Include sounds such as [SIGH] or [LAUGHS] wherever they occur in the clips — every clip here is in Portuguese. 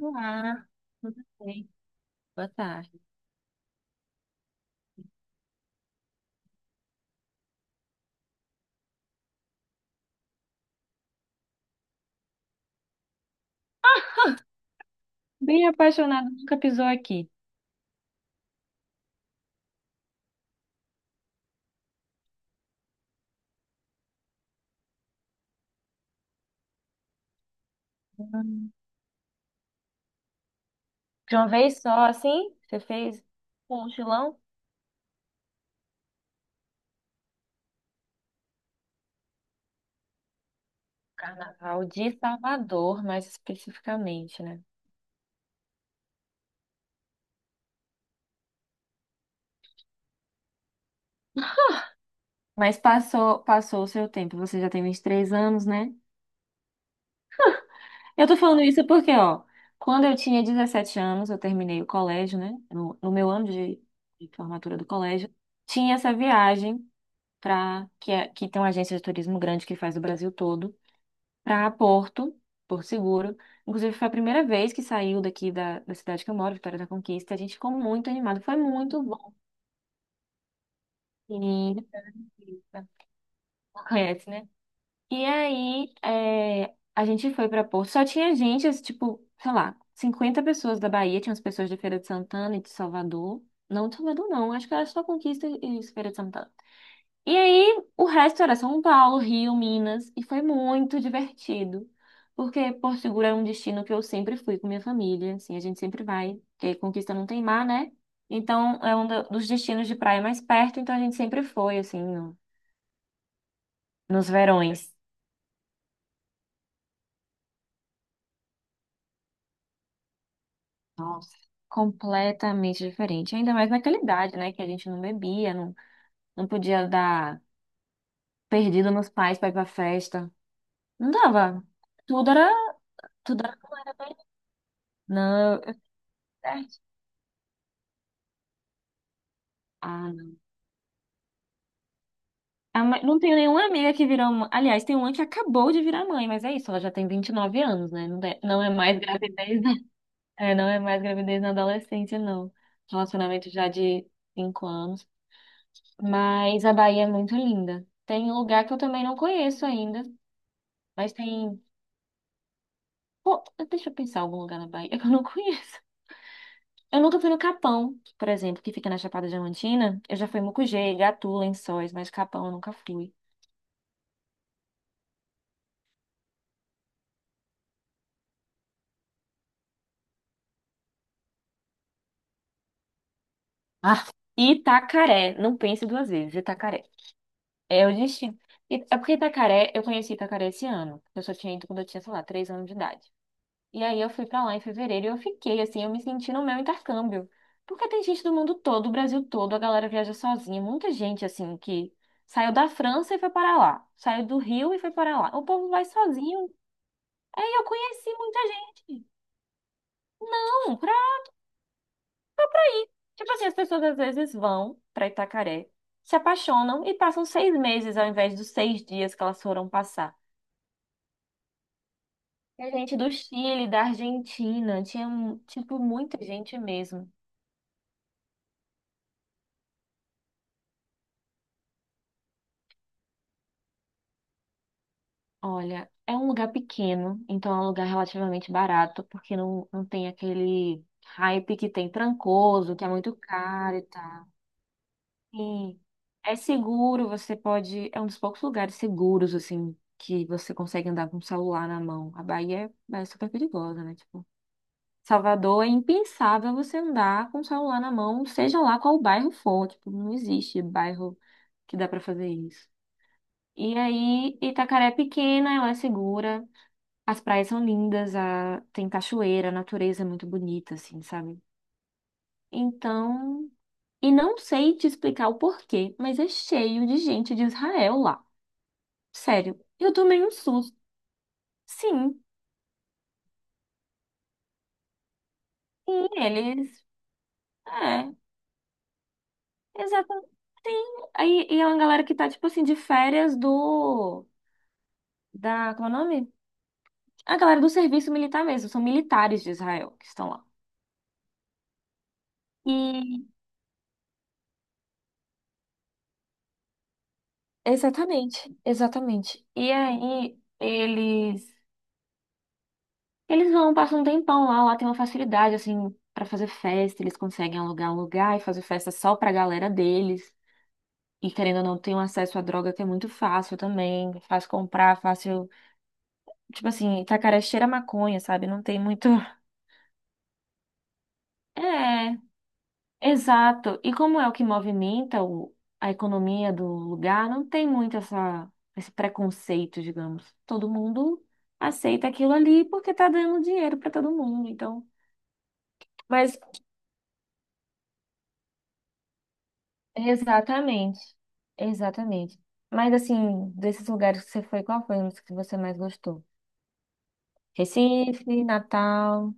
Olá, tudo bem? Boa tarde. Bem apaixonado, nunca pisou aqui. Hum, De uma vez só, assim, você fez um mochilão? Carnaval de Salvador, mais especificamente, né? Mas passou, passou o seu tempo. Você já tem 23 anos, né? Eu tô falando isso porque, ó, quando eu tinha 17 anos, eu terminei o colégio, né? No meu ano de formatura do colégio, tinha essa viagem para que, que tem uma agência de turismo grande que faz o Brasil todo. Para Porto Seguro. Inclusive, foi a primeira vez que saiu daqui da cidade que eu moro, Vitória da Conquista. A gente ficou muito animado, foi muito bom. E. Conhece, né? E aí, é, a gente foi para Porto. Só tinha gente, assim, tipo, sei lá, 50 pessoas da Bahia, tinha as pessoas de Feira de Santana e de Salvador. Não de Salvador, não, acho que era só Conquista e Feira de Santana. E aí, o resto era São Paulo, Rio, Minas, e foi muito divertido. Porque Porto Seguro é um destino que eu sempre fui com minha família, assim, a gente sempre vai, porque Conquista não tem mar, né? Então, é um dos destinos de praia mais perto, então a gente sempre foi, assim, nos verões. Nossa, completamente diferente. Ainda mais naquela idade, né? Que a gente não bebia, não, não podia dar perdido nos pais pra ir pra festa. Não dava. Tudo era, tudo era, não era bem. Não, é. Não tenho nenhuma amiga que virou. Aliás, tem uma que acabou de virar mãe, mas é isso, ela já tem 29 anos, né? Não é, não é mais gravidez, né? [LAUGHS] É, não é mais gravidez na adolescência, não. Relacionamento já de 5 anos. Mas a Bahia é muito linda. Tem um lugar que eu também não conheço ainda, mas tem. Pô, deixa eu pensar algum lugar na Bahia [LAUGHS] que eu não conheço. Eu nunca fui no Capão, por exemplo, que fica na Chapada Diamantina. Eu já fui em Mucugê, Gatu, Lençóis, mas Capão eu nunca fui. Ah, Itacaré, não pense duas vezes, Itacaré. É o destino. É porque Itacaré, eu conheci Itacaré esse ano. Eu só tinha ido quando eu tinha, sei lá, 3 anos de idade. E aí eu fui pra lá em fevereiro e eu fiquei, assim, eu me senti no meu intercâmbio. Porque tem gente do mundo todo, do Brasil todo, a galera viaja sozinha. Muita gente, assim, que saiu da França e foi para lá. Saiu do Rio e foi para lá. O povo vai sozinho. Aí eu conheci muita gente. Não, pra. Tipo assim, as pessoas às vezes vão pra Itacaré, se apaixonam e passam 6 meses ao invés dos 6 dias que elas foram passar. Tinha gente do Chile, da Argentina, tinha, tipo, muita gente mesmo. Olha, é um lugar pequeno, então é um lugar relativamente barato, porque não, não tem aquele hype que tem Trancoso, que é muito caro e tal. E é seguro, você pode. É um dos poucos lugares seguros, assim, que você consegue andar com o celular na mão. A Bahia é super perigosa, né? Tipo, Salvador é impensável você andar com o celular na mão, seja lá qual bairro for. Tipo, não existe bairro que dá pra fazer isso. E aí, Itacaré é pequena, ela é segura, as praias são lindas, a, tem cachoeira, a natureza é muito bonita, assim, sabe? Então, e não sei te explicar o porquê, mas é cheio de gente de Israel lá. Sério, eu tomei um susto. Sim, e eles. É, exatamente. Sim. Aí, e é uma galera que tá, tipo assim, de férias do. Da. Como é o nome? A galera do serviço militar mesmo, são militares de Israel que estão lá. E exatamente, exatamente. E aí eles vão, passam um tempão lá, lá tem uma facilidade assim pra fazer festa, eles conseguem alugar um lugar e fazer festa só pra galera deles. E querendo ou não, tem um acesso à droga que é muito fácil também, fácil comprar, fácil, tipo assim, Itacaré cheira a maconha, sabe? Não tem muito, [LAUGHS] é, exato. E como é o que movimenta a economia do lugar, não tem muito essa, esse preconceito, digamos. Todo mundo aceita aquilo ali porque tá dando dinheiro para todo mundo. Então, mas exatamente, exatamente. Mas assim, desses lugares que você foi, qual foi um dos que você mais gostou? Recife, Natal,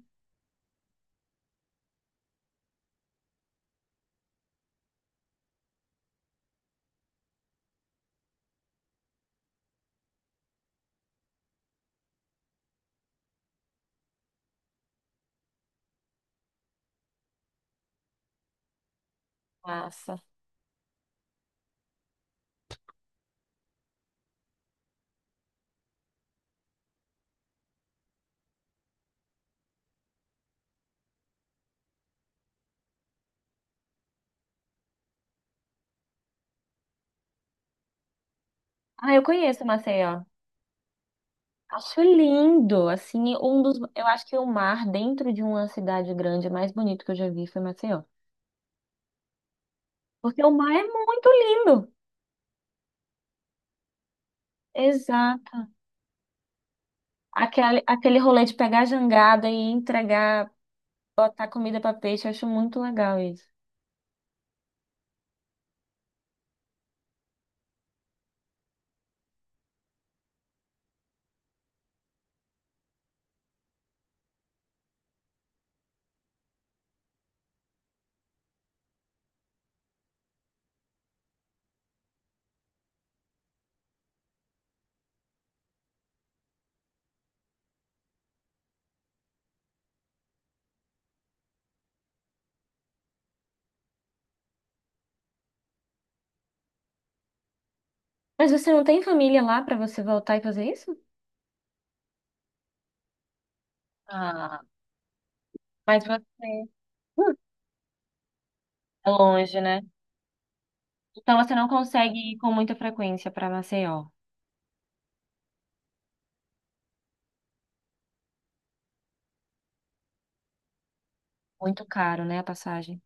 massa. Ah, eu conheço Maceió. Acho lindo, assim, um dos, eu acho que o mar dentro de uma cidade grande mais bonito que eu já vi foi Maceió. Porque o mar é muito lindo. Exato. Aquele, aquele rolê de pegar a jangada e entregar, botar comida para peixe, eu acho muito legal isso. Mas você não tem família lá para você voltar e fazer isso? Ah, mas você Hum. é longe, né? Então você não consegue ir com muita frequência para Maceió. Muito caro, né, a passagem.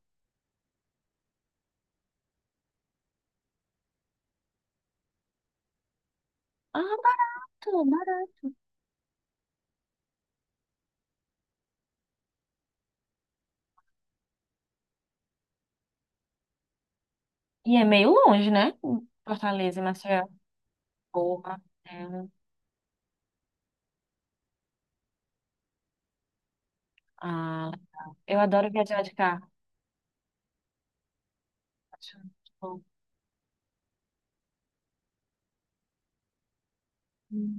Ah, barato, barato. E é meio longe, né? Fortaleza e Maceió. Porra, é um- Ah, eu adoro viajar de carro. Acho muito bom.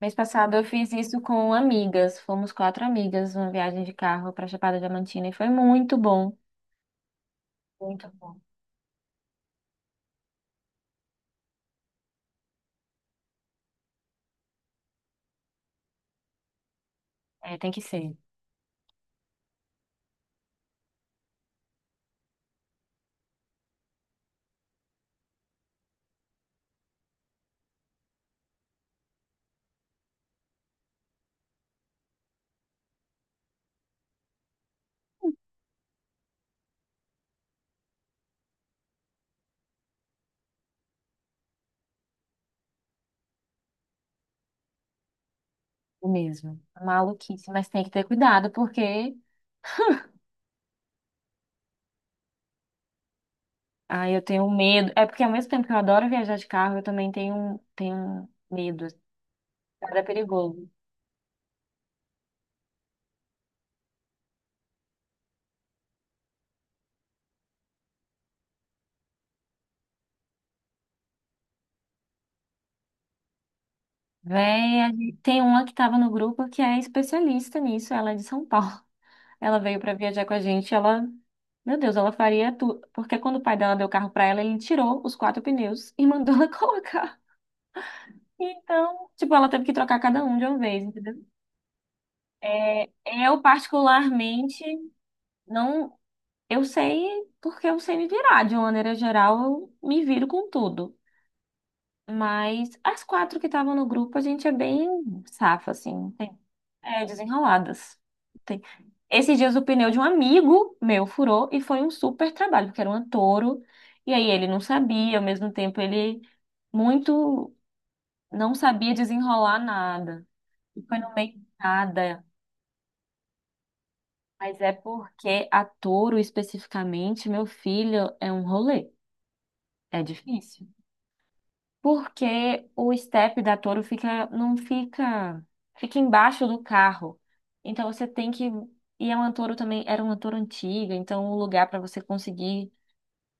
Mês passado eu fiz isso com amigas. Fomos quatro amigas, uma viagem de carro para Chapada Diamantina e foi muito bom. Muito bom. É, tem que ser o mesmo. Maluquice, mas tem que ter cuidado porque ah, eu tenho medo. É porque ao mesmo tempo que eu adoro viajar de carro, eu também tenho medo. Nada é perigoso. Véi, tem uma que estava no grupo que é especialista nisso, ela é de São Paulo. Ela veio pra viajar com a gente, ela, meu Deus, ela faria tudo, porque quando o pai dela deu o carro pra ela, ele tirou os quatro pneus e mandou ela [LAUGHS] colocar. Então, tipo, ela teve que trocar cada um de uma vez, entendeu? É, eu particularmente não, eu sei porque eu sei me virar, de uma maneira geral, eu me viro com tudo. Mas as quatro que estavam no grupo, a gente é bem safa, assim, tem, é, desenroladas. Tem. Esses dias o pneu de um amigo meu furou e foi um super trabalho, porque era um touro. E aí ele não sabia, ao mesmo tempo ele muito não sabia desenrolar nada. E foi no meio de nada. Mas é porque a touro especificamente, meu filho, é um rolê. É difícil. Porque o step da Toro fica, não fica, fica embaixo do carro. Então você tem que, e a uma Toro também era uma Toro antiga, então o lugar para você conseguir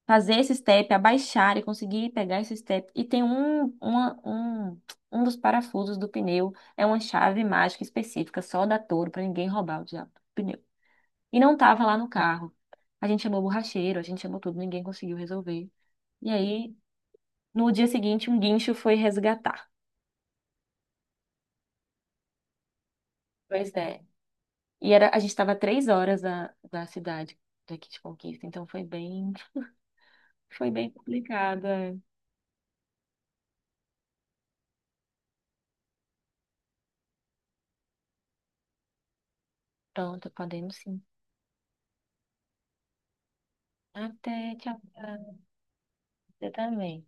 fazer esse step, abaixar e conseguir pegar esse step. E tem um, uma, um dos parafusos do pneu, é uma chave mágica específica só da Toro para ninguém roubar o diabo do pneu. E não tava lá no carro. A gente chamou o borracheiro, a gente chamou tudo, ninguém conseguiu resolver. E aí, no dia seguinte, um guincho foi resgatar. Pois é. E era, a gente estava 3 horas da cidade daqui de Conquista, então foi bem complicado. É. Pronto, podemos sim. Até, tchau, tchau. Você também.